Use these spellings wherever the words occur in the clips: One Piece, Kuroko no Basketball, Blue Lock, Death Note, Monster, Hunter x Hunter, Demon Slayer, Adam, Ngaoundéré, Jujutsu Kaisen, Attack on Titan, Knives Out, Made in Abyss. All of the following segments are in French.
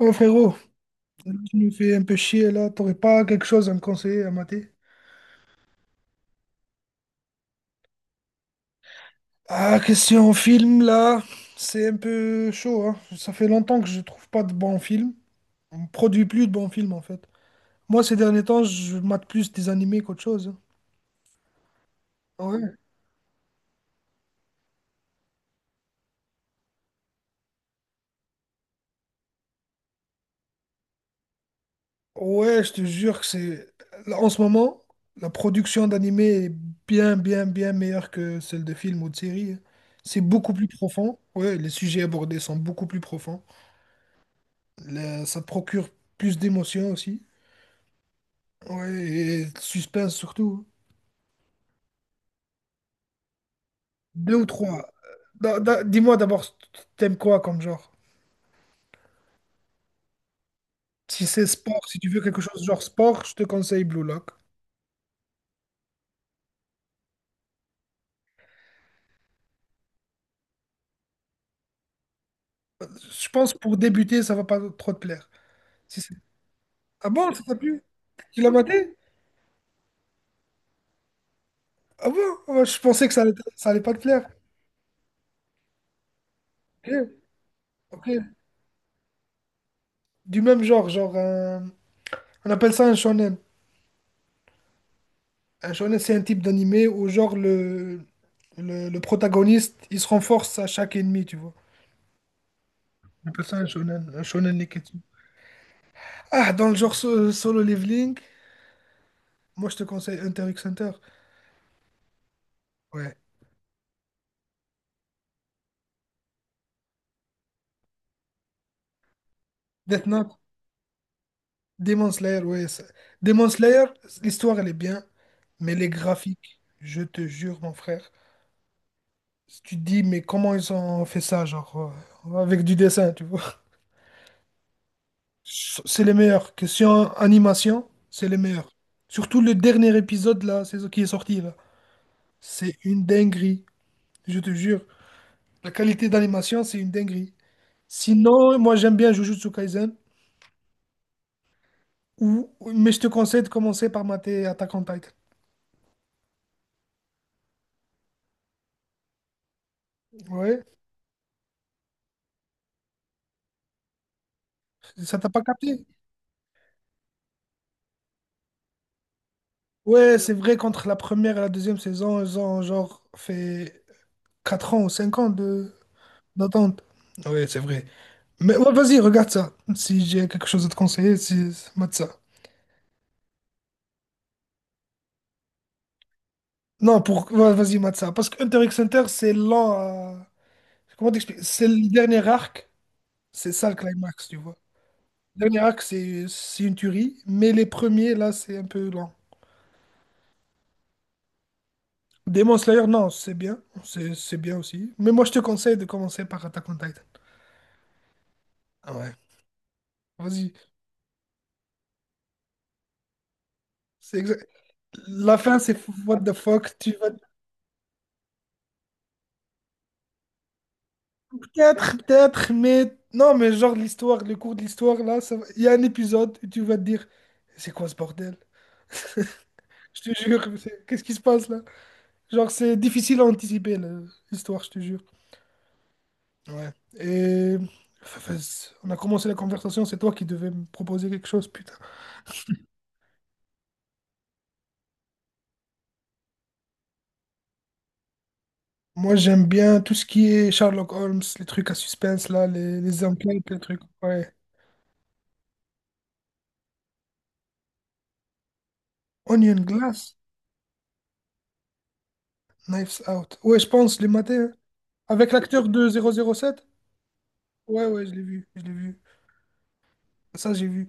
Oh frérot, tu me fais un peu chier là, t'aurais pas quelque chose à me conseiller à mater? Ah, question film là, c'est un peu chaud, hein. Ça fait longtemps que je trouve pas de bons films. On produit plus de bons films en fait. Moi ces derniers temps, je mate plus des animés qu'autre chose, hein. Ouais. Ouais, je te jure que c'est. Là, en ce moment, la production d'animés est bien, bien, bien meilleure que celle de films ou de séries, hein. C'est beaucoup plus profond. Ouais, les sujets abordés sont beaucoup plus profonds. Ça procure plus d'émotions aussi. Ouais, et de suspense surtout. Deux ou trois. Dis-moi d'abord, t'aimes quoi comme genre? Si c'est sport, si tu veux quelque chose genre sport, je te conseille Blue Lock. Je pense pour débuter, ça va pas trop te plaire. Si c'est- ah bon, ça t'a plu? Tu l'as maté? Ah bon? Ah ouais, je pensais que ça allait pas te plaire. Ok, ok. Du même genre, genre on appelle ça un shonen. Un shonen, c'est un type d'animé où genre le protagoniste, il se renforce à chaque ennemi, tu vois. On appelle ça un shonen Neketsu. Ah, dans le genre Solo Leveling, moi je te conseille Hunter x Hunter. Ouais. Death Note, Demon Slayer, ouais. Demon Slayer, l'histoire elle est bien, mais les graphiques, je te jure, mon frère. Si tu te dis, mais comment ils ont fait ça, genre, avec du dessin, tu vois. C'est les meilleurs. Question animation, c'est les meilleurs. Surtout le dernier épisode là, c'est ce qui est sorti là. C'est une dinguerie, je te jure. La qualité d'animation, c'est une dinguerie. Sinon, moi j'aime bien Jujutsu Kaisen, mais je te conseille de commencer par mater Attack on Titan. Ouais, ça t'a pas capté? Ouais, c'est vrai qu'entre la première et la deuxième saison, ils ont genre fait 4 ans ou 5 ans de d'attente. Ouais, c'est vrai. Mais ouais, vas-y, regarde ça. Si j'ai quelque chose à te conseiller, si, mate ça. Non, pour, ouais, vas-y, mate ça. Parce que Hunter x Hunter, c'est lent à... Comment t'expliques? C'est le dernier arc, c'est ça le climax, tu vois. Dernier acte, c'est une tuerie, mais les premiers, là, c'est un peu lent. Demon Slayer, non, c'est bien, c'est bien aussi. Mais moi, je te conseille de commencer par Attack on Titan. Ah ouais, vas-y. C'est exact. La fin, c'est what the fuck. Tu vas peut-être, peut-être, mais non, mais genre l'histoire, le cours de l'histoire, là, il y a un épisode où tu vas te dire, c'est quoi ce bordel? Je te jure, qu'est-ce qui se passe là? Genre, c'est difficile à anticiper, l'histoire, je te jure. Ouais. Et on a commencé la conversation, c'est toi qui devais me proposer quelque chose, putain. Moi, j'aime bien tout ce qui est Sherlock Holmes, les trucs à suspense, là, les enquêtes, les trucs. Ouais. Onion Glass, Knives Out. Ouais, je pense, les matins, hein. Avec l'acteur de 007? Ouais, ouais, je l'ai vu, je l'ai vu. Ça, j'ai vu.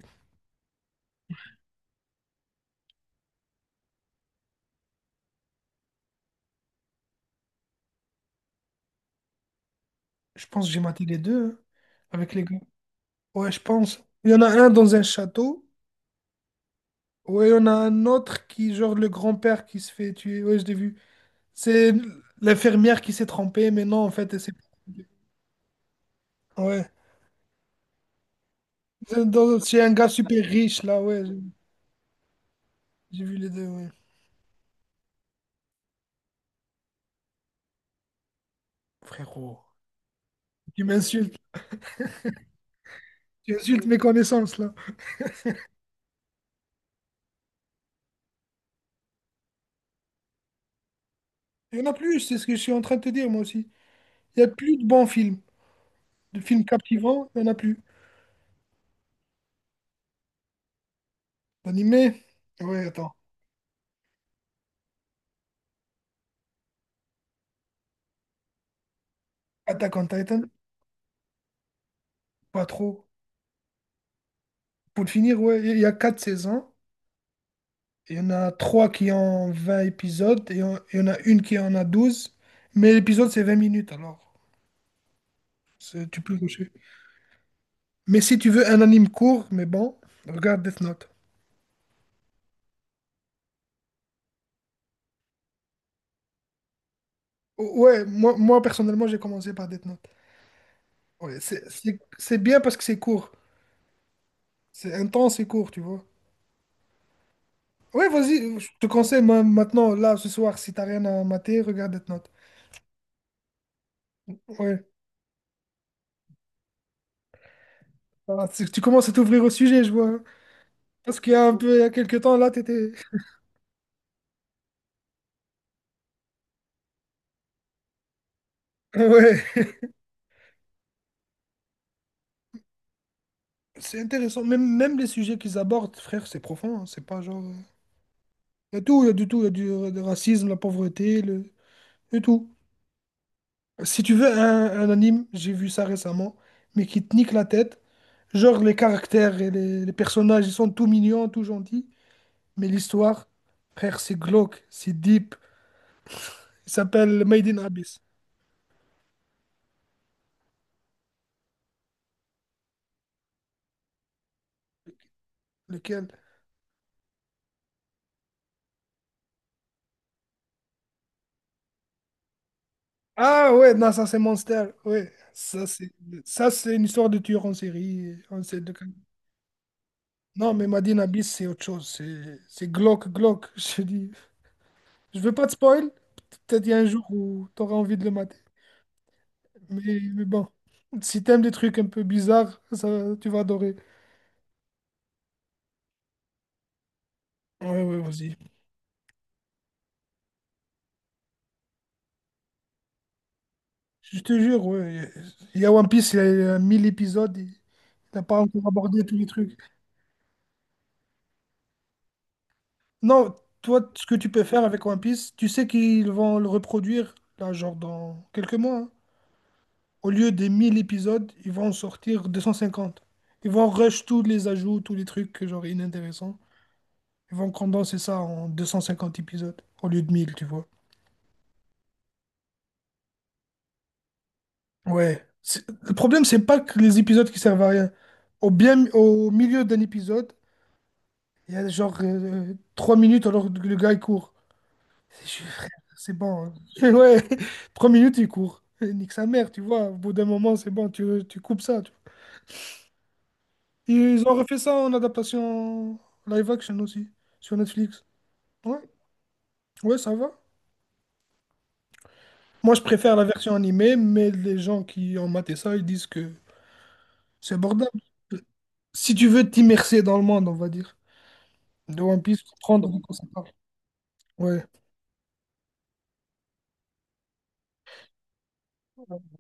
Je pense que j'ai maté les deux, hein, avec les gars. Ouais, je pense. Il y en a un dans un château. Ouais, il y en a un autre qui, genre, le grand-père qui se fait tuer. Ouais, je l'ai vu. C'est l'infirmière qui s'est trompée, mais non, en fait, elle s'est... pas trompée. Ouais. C'est un gars super riche, là, ouais. J'ai vu les deux, ouais. Frérot. Tu m'insultes. Tu insultes mes connaissances, là. Il y en a plus, c'est ce que je suis en train de te dire, moi aussi. Il y a plus de bons films. De films captivants, il y en a plus. D'animés, ouais, attends. Attack on Titan, pas trop. Pour le finir, ouais, il y a 4 saisons. Il y en a trois qui ont 20 épisodes. Il y en a une qui en a 12. Mais l'épisode, c'est 20 minutes, alors. Tu peux cocher. Mais si tu veux un anime court, mais bon, regarde Death Note. Ouais, moi personnellement, j'ai commencé par Death Note. Ouais, c'est bien parce que c'est court. C'est intense et court, tu vois. Ouais, vas-y, je te conseille maintenant, là, ce soir, si t'as rien à mater, regarde Death Note. Ouais, ah, tu commences à t'ouvrir au sujet, je vois, hein. Parce qu'il y a quelques temps, là, t'étais... Ouais, c'est intéressant. Même, même les sujets qu'ils abordent, frère, c'est profond, hein. C'est pas genre... Il y a tout, il y a du tout. Il y a du racisme, la pauvreté, le... et tout. Si tu veux un anime, j'ai vu ça récemment, mais qui te nique la tête. Genre les caractères et les personnages, ils sont tout mignons, tout gentils. Mais l'histoire, frère, c'est glauque, c'est deep. Il s'appelle Made in Abyss. Lequel? Ah ouais, non, ça c'est Monster. Ouais, ça c'est une histoire de tueur en série. On sait de... Non, mais Made in Abyss, c'est autre chose. C'est glauque, glauque. Je te dis, je veux pas te spoil. Peut-être il y a un jour où tu auras envie de le mater. Mais bon, si t'aimes des trucs un peu bizarres, ça, tu vas adorer. Ouais, ouais, vas-y. Je te jure, ouais. Il y a One Piece, il y a 1 000 épisodes, et t'as pas encore abordé tous les trucs. Non, toi, ce que tu peux faire avec One Piece, tu sais qu'ils vont le reproduire, là, genre dans quelques mois, hein. Au lieu des 1 000 épisodes, ils vont en sortir 250. Ils vont rush tous les ajouts, tous les trucs, genre inintéressants. Ils vont condenser ça en 250 épisodes, au lieu de 1 000, tu vois. Ouais. Le problème, c'est pas que les épisodes qui servent à rien. Au milieu d'un épisode, il y a genre 3 minutes alors que le gars il court. Je suis frère, c'est bon, hein. Ouais, 3 minutes il court. Eh, nique sa mère, tu vois. Au bout d'un moment, c'est bon, tu coupes ça, tu vois. Ils ont refait ça en adaptation live action aussi, sur Netflix. Ouais, ouais, ça va. Moi, je préfère la version animée, mais les gens qui ont maté ça, ils disent que c'est abordable. Si tu veux t'immerser dans le monde, on va dire. De One Piece, comprendre de quoi ça parle. Ouais,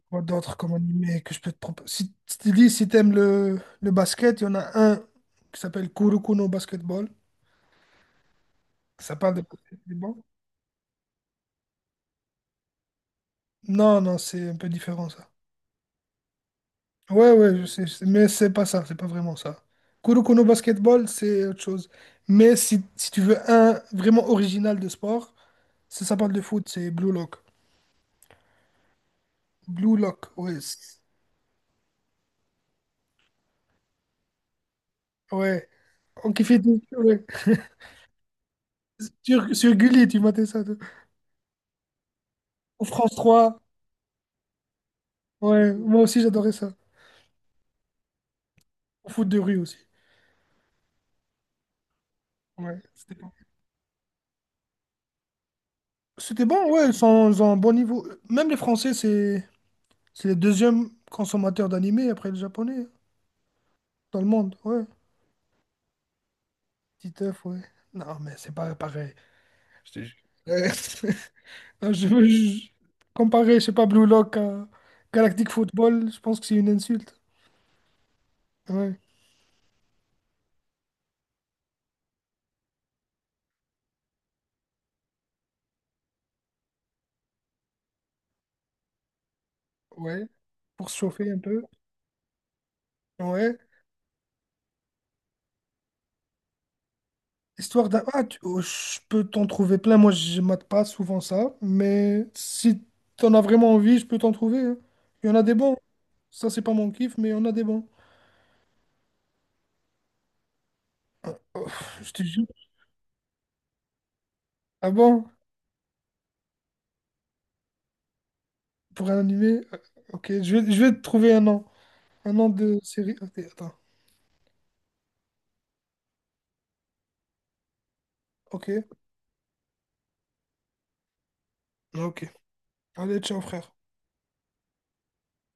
quoi d'autre comme animé que je peux te proposer? Si tu dis, si t'aimes le basket, il y en a un qui s'appelle Kuroko no Basketball. Ça parle de basketball. Non, non, c'est un peu différent ça. Ouais, ouais, je sais, mais c'est pas ça, c'est pas vraiment ça. Kuroko no Basketball, c'est autre chose. Mais si tu veux un vraiment original de sport, ça parle de foot, c'est Blue Lock. Blue Lock, ouais. Ouais, on kiffait tout. Ouais. Sur Gulli, tu matais ça, toi. Ou France 3. Ouais, moi aussi j'adorais ça. Au foot de rue aussi. Ouais, c'était bon. C'était bon, ouais, ils ont un bon niveau. Même les Français, c'est les deuxièmes consommateurs d'animés après les Japonais, hein, dans le monde. Ouais, petit œuf, ouais. Non, mais c'est pas pareil. Je te jure. Ouais. Non, je veux comparer, je sais pas, Blue Lock à Galactic Football, je pense que c'est une insulte. Ouais. Ouais. Pour se chauffer un peu. Ouais. Histoire d'un... Ah, oh, je peux t'en trouver plein. Moi, je mate pas souvent ça. Mais si t'en as vraiment envie, je peux t'en trouver, hein. Il y en a des bons. Ça, c'est pas mon kiff, mais il y en a des bons. Oh, je te jure. Ah bon? Pour un animé? Ok, je vais te trouver un nom. Un nom de série. Ok, attends. Ok. Ok. Allez, ciao, frère.